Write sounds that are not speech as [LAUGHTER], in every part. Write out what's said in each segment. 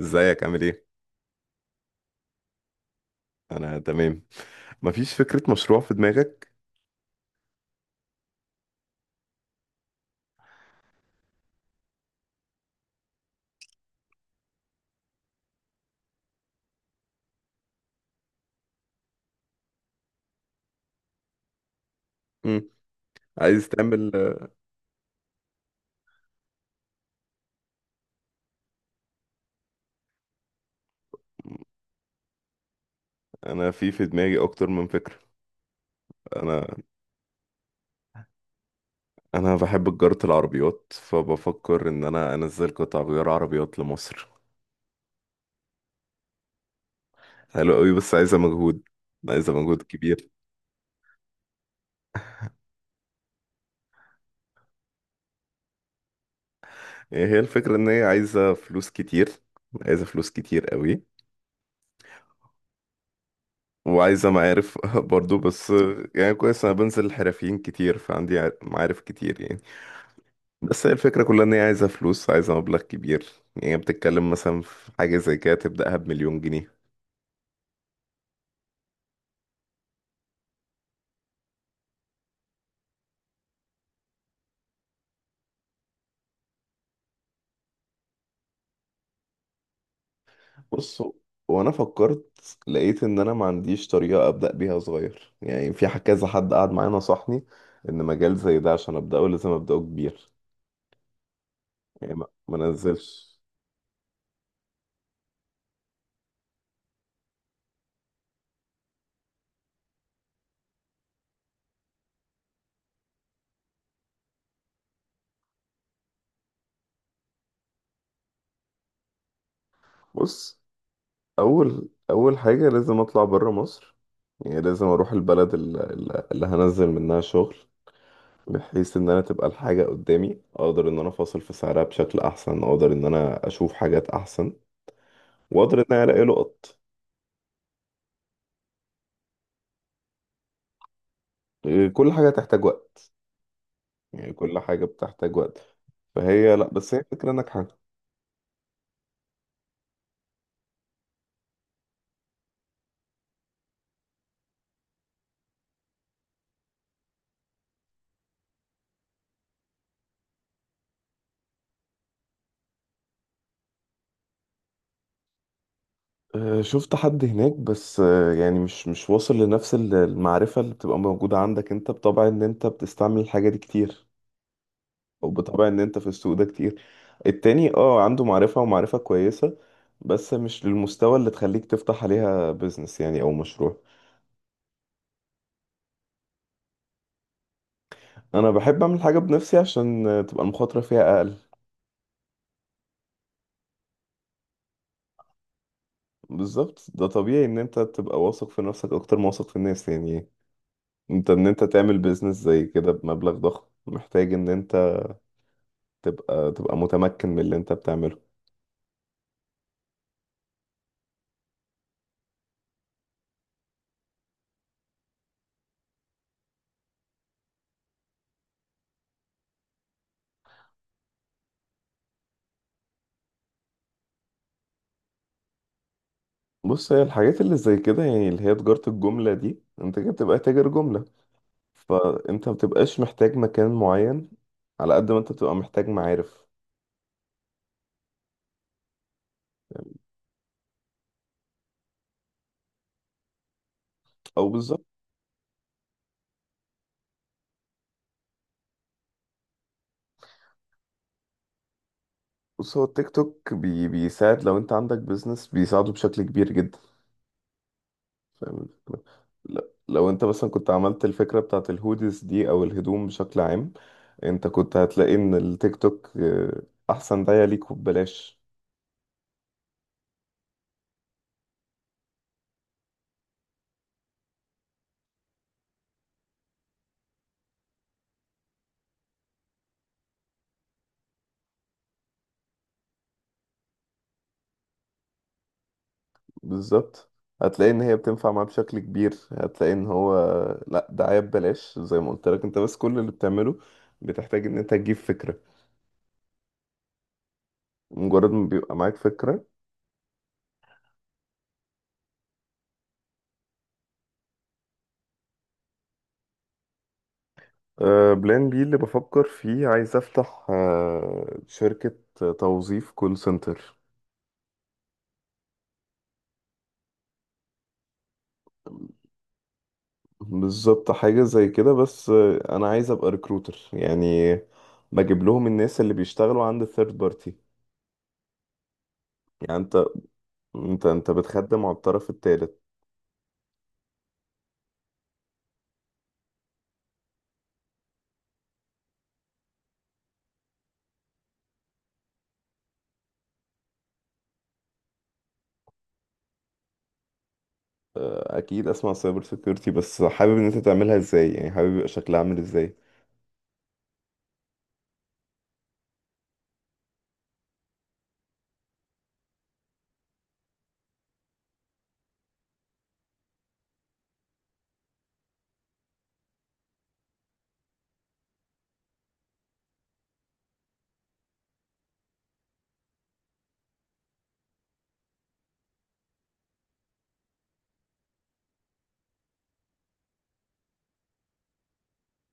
ازيك عامل ايه؟ انا تمام. مفيش فكرة مشروع في دماغك؟ مم. عايز تعمل. انا في دماغي اكتر من فكرة. انا انا بحب تجارة العربيات، فبفكر ان انا انزل قطع غيار عربيات لمصر. حلو قوي، بس عايزة مجهود. عايزة مجهود كبير. هي الفكرة ان هي عايزة فلوس كتير. عايزة فلوس كتير قوي. وعايزة معارف [LAUGHS] برضو. بس يعني كويس، انا بنزل حرفيين كتير، فعندي معارف كتير يعني. بس هي الفكرة كلها ان هي عايزة فلوس، عايزة مبلغ كبير. يعني بتتكلم مثلا في حاجة زي كده تبدأها بمليون جنيه. بص هو- وانا فكرت، لقيت ان انا ما عنديش طريقة ابدأ بيها صغير، يعني في كذا حد قعد معايا نصحني ان مجال زي ده عشان ابدأه لازم ابدأه كبير، يعني ما انزلش. بص، اول اول حاجة لازم اطلع بره مصر. يعني لازم اروح البلد اللي هنزل منها شغل، بحيث ان انا تبقى الحاجة قدامي، اقدر ان انا افاصل في سعرها بشكل احسن، اقدر ان انا اشوف حاجات احسن، واقدر ان انا الاقي لقط. إيه، كل حاجة تحتاج وقت. يعني كل حاجة بتحتاج وقت. فهي، لا، بس هي فكرة ناجحة. آه، شفت حد هناك، بس يعني مش واصل لنفس المعرفة اللي بتبقى موجودة عندك انت، بطبع ان انت بتستعمل الحاجة دي كتير، او بطبع ان انت في السوق ده كتير. التاني عنده معرفة ومعرفة كويسة. بس مش للمستوى اللي تخليك تفتح عليها بيزنس يعني، او مشروع. انا بحب اعمل حاجه بنفسي عشان تبقى المخاطره فيها اقل. بالظبط، ده طبيعي ان انت تبقى واثق في نفسك اكتر ما واثق في الناس يعني. ان انت تعمل بيزنس زي كده بمبلغ ضخم، محتاج ان انت تبقى متمكن من اللي انت بتعمله. بص، هي الحاجات اللي زي كده، يعني اللي هي تجارة الجملة دي، انت كده بتبقى تاجر جملة. فانت مبتبقاش محتاج مكان معين، على قد ما انت بتبقى محتاج معارف. او بالظبط. بص، هو التيك توك بيساعد، لو انت عندك بيزنس بيساعده بشكل كبير جدا. فاهم الفكرة. ل- لو انت مثلا كنت عملت الفكرة بتاعت الهوديز دي او الهدوم بشكل عام، انت كنت هتلاقي ان التيك توك احسن دعاية ليك وببلاش. بالظبط. هتلاقي ان هي بتنفع معاه بشكل كبير. هتلاقي ان هو لا، دعاية ببلاش زي ما قلت لك انت، بس كل اللي بتعمله بتحتاج ان انت تجيب فكرة. مجرد ما بيبقى معاك فكرة. اه، بلان بي اللي بفكر فيه، عايز افتح شركة توظيف كول سنتر. بالظبط، حاجة زي كده. بس أنا عايز أبقى ريكروتر يعني، بجيب لهم الناس اللي بيشتغلوا عند الثيرد بارتي. يعني أنت بتخدم على الطرف التالت. آه، أكيد أسمع سايبر سيكيورتي. بس حابب إن أنت تعملها إزاي؟ يعني حابب يبقى شكلها عامل إزاي؟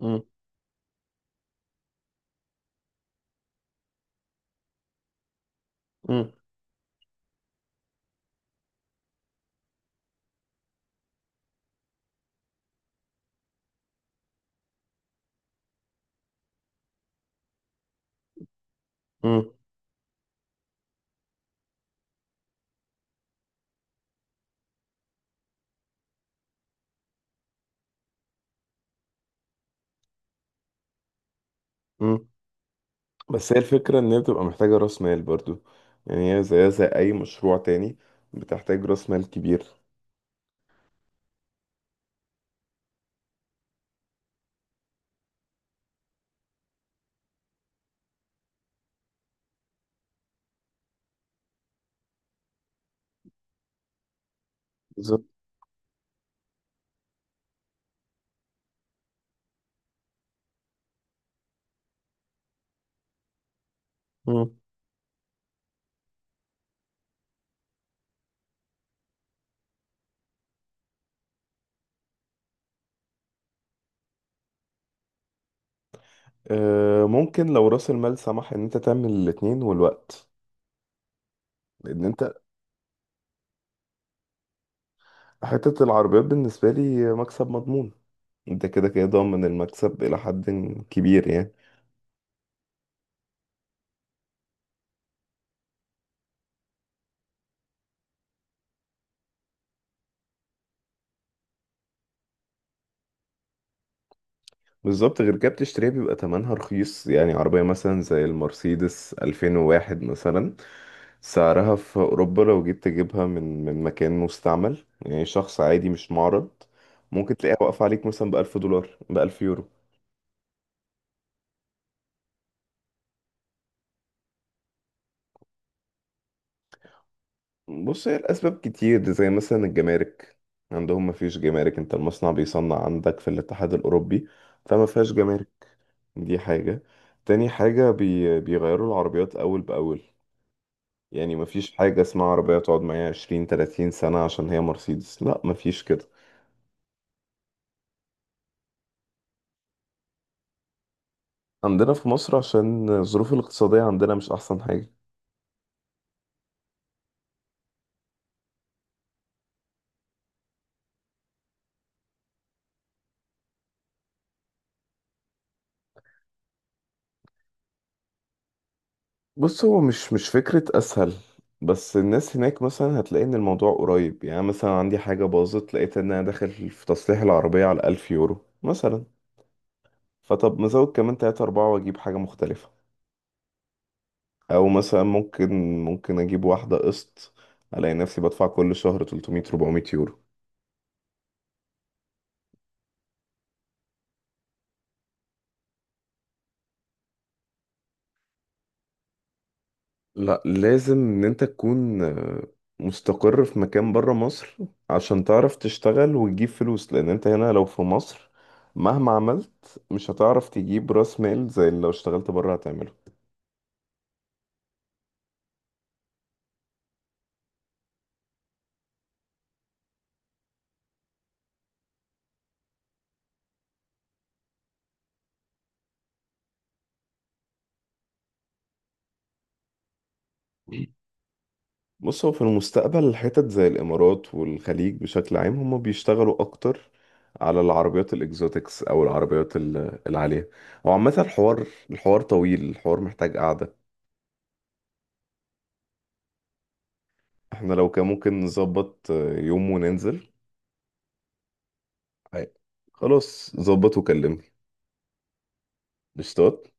مم، مم، مم، مم. بس هي الفكرة إن هي بتبقى محتاجة رأس مال برضو. يعني هي زيها زي أي مشروع تاني، بتحتاج رأس مال كبير. بالظبط. مم. آه، ممكن لو رأس المال سمح إن أنت تعمل الاتنين والوقت، لان انت. حتة العربيات بالنسبة لي مكسب مضمون. انت كده كده ضامن المكسب إلى حد كبير يعني. بالظبط. غير كده بتشتريها بيبقى تمنها رخيص. يعني عربية مثلا زي المرسيدس 2001 مثلا، سعرها في أوروبا لو جيت تجيبها من مكان مستعمل، يعني شخص عادي مش معرض، ممكن تلاقيها واقفة عليك مثلا بألف دولار، بألف يورو. بص، هي الأسباب كتير. زي مثلا الجمارك، عندهم مفيش جمارك. انت المصنع بيصنع عندك في الاتحاد الأوروبي، فما فيهاش جمارك. دي حاجة. تاني حاجة، بيغيروا العربيات أول بأول. يعني مفيش حاجة اسمها عربية تقعد معايا عشرين تلاتين سنة عشان هي مرسيدس، لا مفيش كده. عندنا في مصر عشان الظروف الاقتصادية عندنا مش أحسن حاجة. بص، هو مش فكرة أسهل. بس الناس هناك مثلا هتلاقي إن الموضوع قريب. يعني مثلا عندي حاجة باظت، لقيت إن أنا داخل في تصليح العربية على ألف يورو مثلا، فطب مزود كمان تلاتة أربعة وأجيب حاجة مختلفة. او مثلا ممكن اجيب واحدة قسط، الاقي نفسي بدفع كل شهر 300 400 يورو. لا، لازم ان انت تكون مستقر في مكان برا مصر عشان تعرف تشتغل وتجيب فلوس. لان انت هنا لو في مصر، مهما عملت مش هتعرف تجيب راس مال زي اللي لو اشتغلت برا هتعمله. بص، هو في المستقبل حتت زي الإمارات والخليج بشكل عام هم بيشتغلوا أكتر على العربيات الإكزوتكس، أو العربيات العالية. هو عامة الحوار طويل، الحوار محتاج قعدة. احنا لو كان ممكن نظبط يوم وننزل. هي- خلاص. ظبط وكلمني. قشطات.